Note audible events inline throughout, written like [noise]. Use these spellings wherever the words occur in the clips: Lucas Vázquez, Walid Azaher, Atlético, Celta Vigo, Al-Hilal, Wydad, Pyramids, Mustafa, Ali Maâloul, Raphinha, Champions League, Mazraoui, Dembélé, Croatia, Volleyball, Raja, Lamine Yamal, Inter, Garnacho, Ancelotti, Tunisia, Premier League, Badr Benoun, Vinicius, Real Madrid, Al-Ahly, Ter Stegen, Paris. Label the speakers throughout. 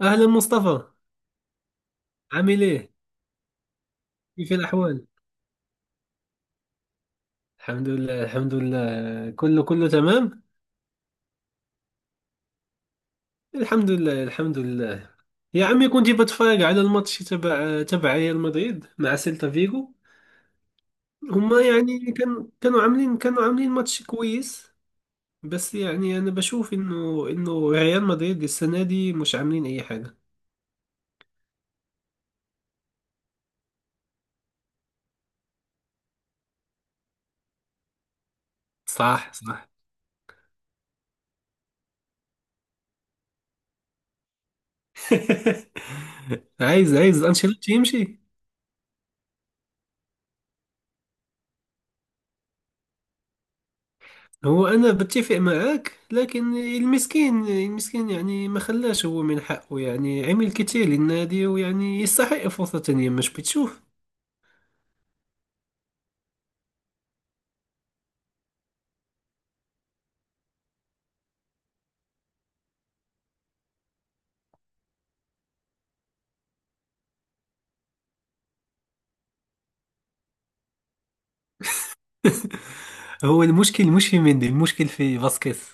Speaker 1: أهلا مصطفى، عامل إيه؟ كيف الأحوال؟ الحمد لله، الحمد لله. كله تمام؟ الحمد لله، الحمد لله. يا عمي، كنت بتفرج على الماتش تبع ريال مدريد مع سيلتا فيجو. هما يعني كانوا عاملين كانوا عاملين ماتش كويس. بس يعني أنا بشوف إنه ريال مدريد السنة دي مش عاملين أي حاجة. صح، صح. [laughs] عايز أنشيلوتي يمشي. هو أنا بتفق معك، لكن المسكين المسكين، يعني ما خلاش، هو من حقه، يعني عمل كتير للنادي ويعني يستحق فرصة تانية، مش بتشوف؟ هو المشكل مش في مندي، المشكل في فاسكيز.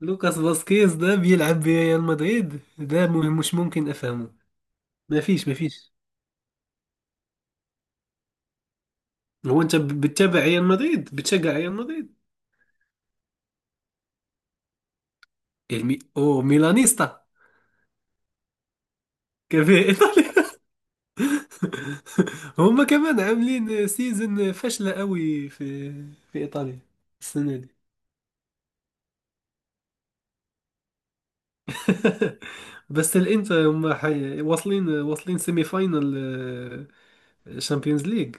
Speaker 1: لوكاس فاسكيز ده بيلعب بريال مدريد ده، مش ممكن أفهمه. ما فيش، ما فيش. هو أنت بتتابع ريال مدريد، بتشجع ريال مدريد؟ أو ميلانيستا. كيف [laughs] إيطالي؟ [laughs] هما كمان عاملين سيزن فاشلة قوي في إيطاليا السنة دي. [laughs] بس الإنتر هما حي... واصلين واصلين سيمي فاينل شامبيونز ليج.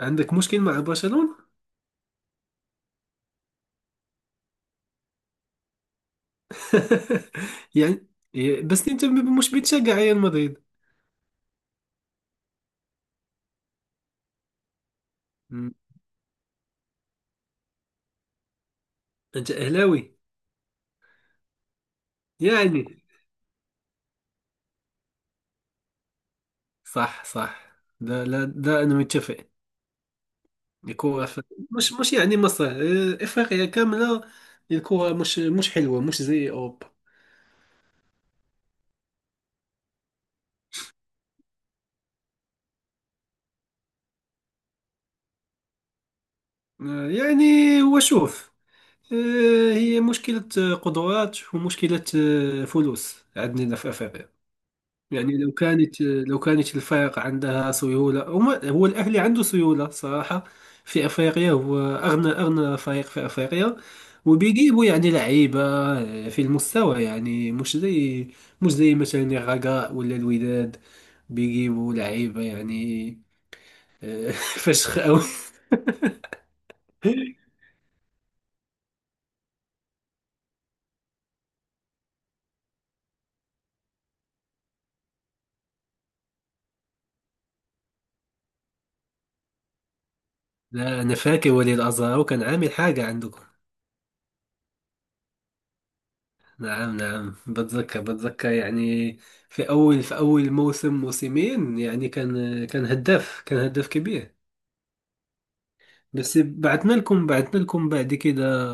Speaker 1: عندك مشكل مع برشلونة؟ [laughs] يعني، بس أنت مش بتشجع ريال مدريد. مم. أنت أهلاوي؟ يعني صح، صح. ده لا، ده أنا متفق. الكورة مش يعني مصر، إفريقيا كاملة. الكورة مش حلوة، مش زي أوروبا. يعني هو شوف، هي مشكلة قدرات ومشكلة، فلوس عندنا في أفريقيا. يعني لو كانت الفرق عندها سيولة، هو الأهلي عنده سيولة صراحة. في أفريقيا هو أغنى فريق في أفريقيا. وبيجيبوا يعني لعيبة، في المستوى، يعني مش زي مثلا الرجاء ولا الوداد. بيجيبوا لعيبة يعني، آه، [laughs] فشخ أوي. لا، أنا فاكر وليد أزهر كان عامل حاجة عندكم. نعم، نعم، بتذكر، يعني في أول موسم موسمين، يعني كان هداف، كان هداف كبير. بس بعتنا لكم بعد كده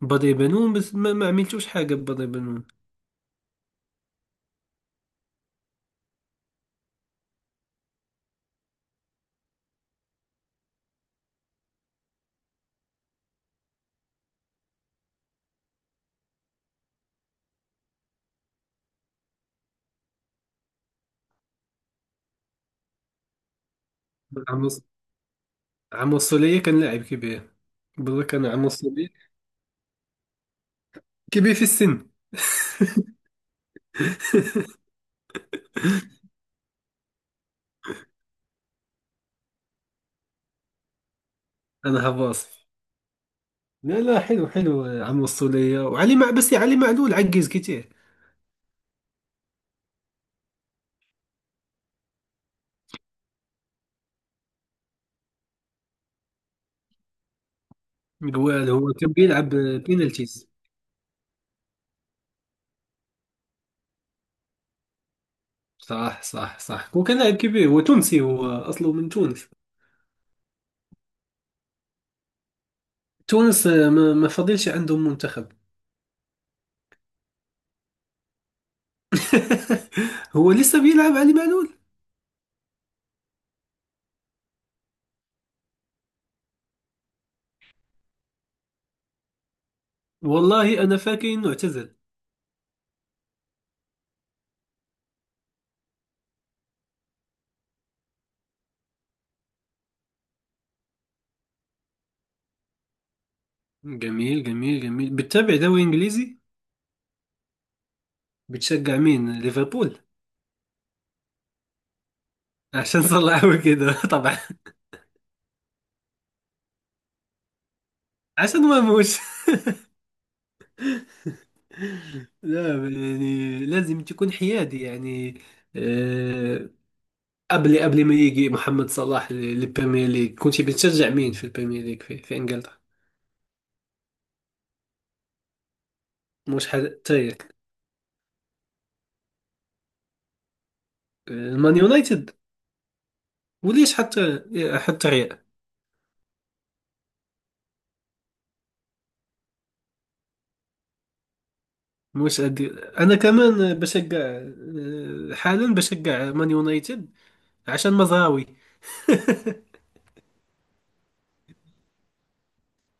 Speaker 1: بدر بنون، بس ما عملتوش حاجة ببدر بنون. عمو عمو الصولية كان لاعب كبير، بتذكر أنا عمو الصولية، كبير في السن. [laughs] أنا هباصي. لا، لا، حلو، حلو، عمو الصولية وعلي مع بس علي معلول عجز كتير. جوال، هو كان بيلعب بينالتيز. صح، صح، صح، هو كان لاعب كبير، هو تونسي، هو اصله من تونس. تونس، ما فضلش عندهم منتخب. [laughs] هو لسه بيلعب علي معلول؟ والله انا فاكر انه اعتزل. جميل، جميل، جميل. بتتابع دوري انجليزي؟ بتشجع مين؟ ليفربول؟ عشان صلحوا كده. [laughs] طبعا. عشان ما موش. [laughs] لا، يعني لازم تكون حيادي يعني، آه، قبل ما يجي محمد صلاح للبريمير ليج، كنتي بتشجع مين في البريمير ليج، في انجلترا؟ مش حتى، المان يونايتد. وليش حتى ريال؟ مش أدي... انا كمان بشجع، حالا بشجع مان يونايتد عشان مزراوي.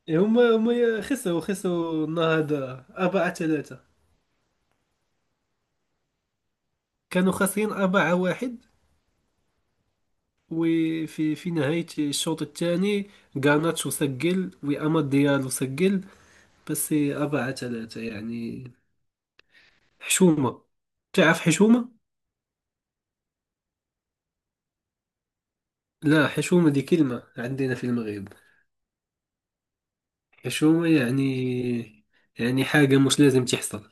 Speaker 1: هما خسروا النهارده 4-3. كانوا خاسرين 4-1 وفي، في نهاية الشوط الثاني، غارناتشو سجل وأماد ديالو سجل، بس 4-3 يعني حشومة. تعرف حشومة؟ لا، حشومة دي كلمة عندنا في المغرب. حشومة يعني حاجة مش لازم تحصل.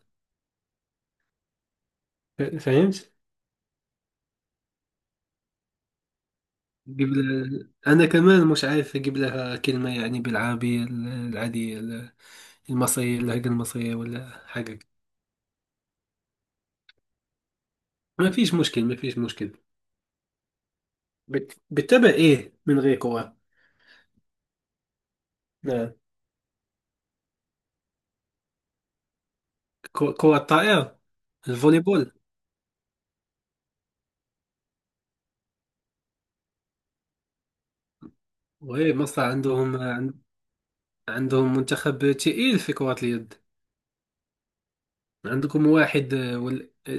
Speaker 1: فهمت؟ قبل، أنا كمان مش عارف أجيب لها كلمة يعني بالعربية، العادية، المصرية، اللهجة المصرية ولا حاجة. ما فيش مشكل، ما فيش مشكل. بتتابع إيه من غير كرة؟ نعم. كرة الطائرة، الفوليبول. وهي مصر عندهم منتخب تقيل في كرة اليد؟ عندكم واحد،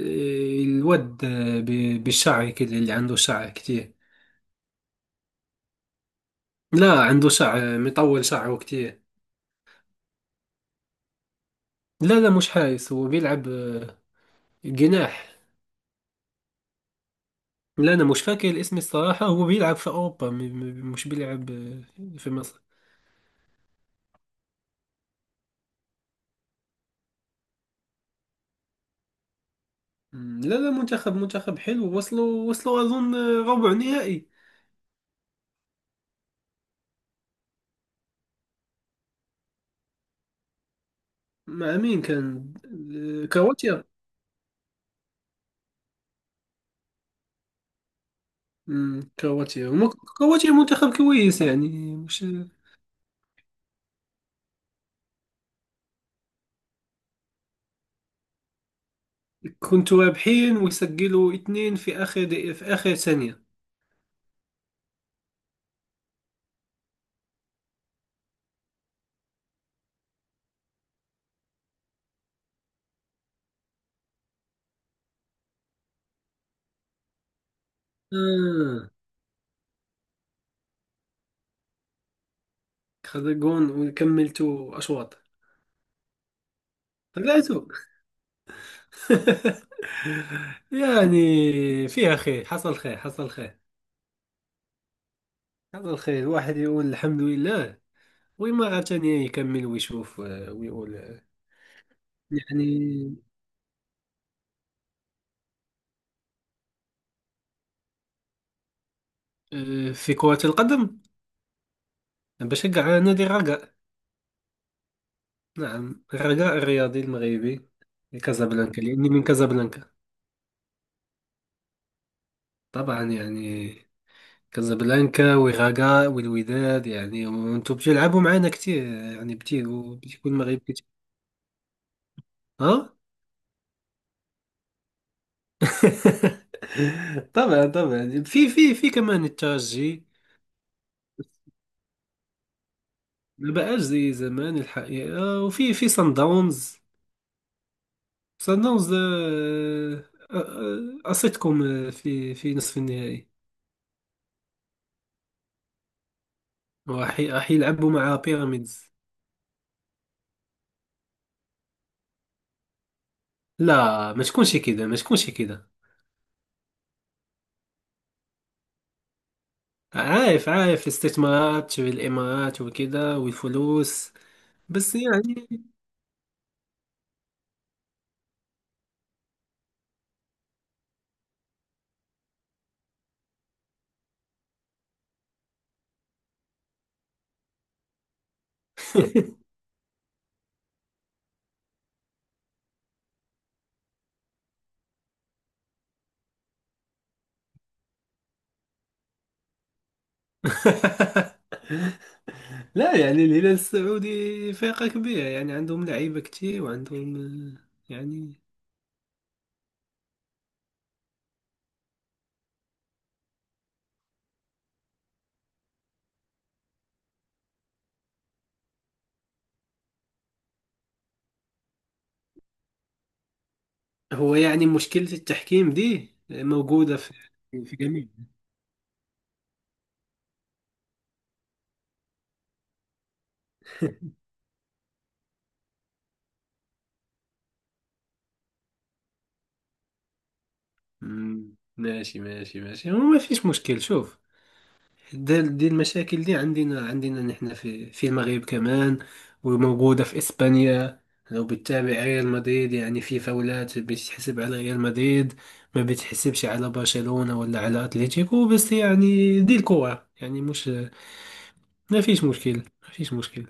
Speaker 1: الواد، بالشعر كده، اللي عنده شعر كتير. لا، عنده شعر، مطول شعره كتير. لا، لا، مش حارس، هو بيلعب، جناح. لا، أنا مش فاكر الاسم الصراحة. هو بيلعب في أوروبا، مش بيلعب، في مصر. مم، لا، لا، منتخب، منتخب حلو. وصلوا أظن، ربع نهائي. مع مين كان؟ كرواتيا؟ مم، كرواتيا منتخب كويس، يعني مش. كنتوا رابحين وسجلوا اثنين في اخر دقيقة، في اخر ثانية. آه خذ جون، وكملتوا اشواط؟ طلعتوا؟ [laughs] يعني فيها خير، حصل خير، حصل خير، حصل خير، الواحد يقول الحمد لله. ومرة ثانية يكمل ويشوف، ويقول، يعني، في كرة القدم بشجع نادي الرجاء. نعم، غلاء الرياضي المغربي لكازابلانكا لأني من كازابلانكا. طبعا، يعني كازابلانكا وغاكا والوداد، يعني وانتم بتلعبوا معانا كتير، يعني بتيجوا المغرب كتير. ها. [laughs] طبعا طبعا، في كمان الترجي. ما بقاش زي زمان الحقيقة. في سان داونز. سان داونز، قصتكم، في نصف النهائي. وراح يلعبوا مع بيراميدز. لا، ما تكونش كده، ما تكونش كده. عارف الاستثمارات والإمارات وكده والفلوس. بس يعني. [laughs] لا، يعني الهلال السعودي فرقة كبيرة، يعني عندهم لعيبة كتير وعندهم، يعني. هو يعني مشكلة التحكيم دي موجودة في في جميع. مم، ماشي، ماشي، ماشي، هو ما فيش مشكل. شوف، دي المشاكل دي عندنا، عندنا نحن في المغرب كمان. وموجودة في إسبانيا. لو بتتابع ريال مدريد يعني في فاولات بتحسب على ريال مدريد ما بتحسبش على برشلونة ولا على أتلتيكو. بس يعني دي الكورة، يعني مش. ما فيش مشكل، ما فيش مشكل.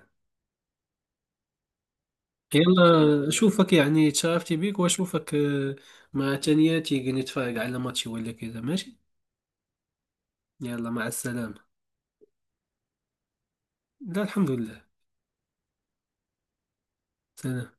Speaker 1: يلا أشوفك، يعني تشرفت بيك وأشوفك، مع تانياتي نتفرج على ماتشي ولا كذا، ماشي؟ يلا مع السلامة. لا، الحمد لله. سلام.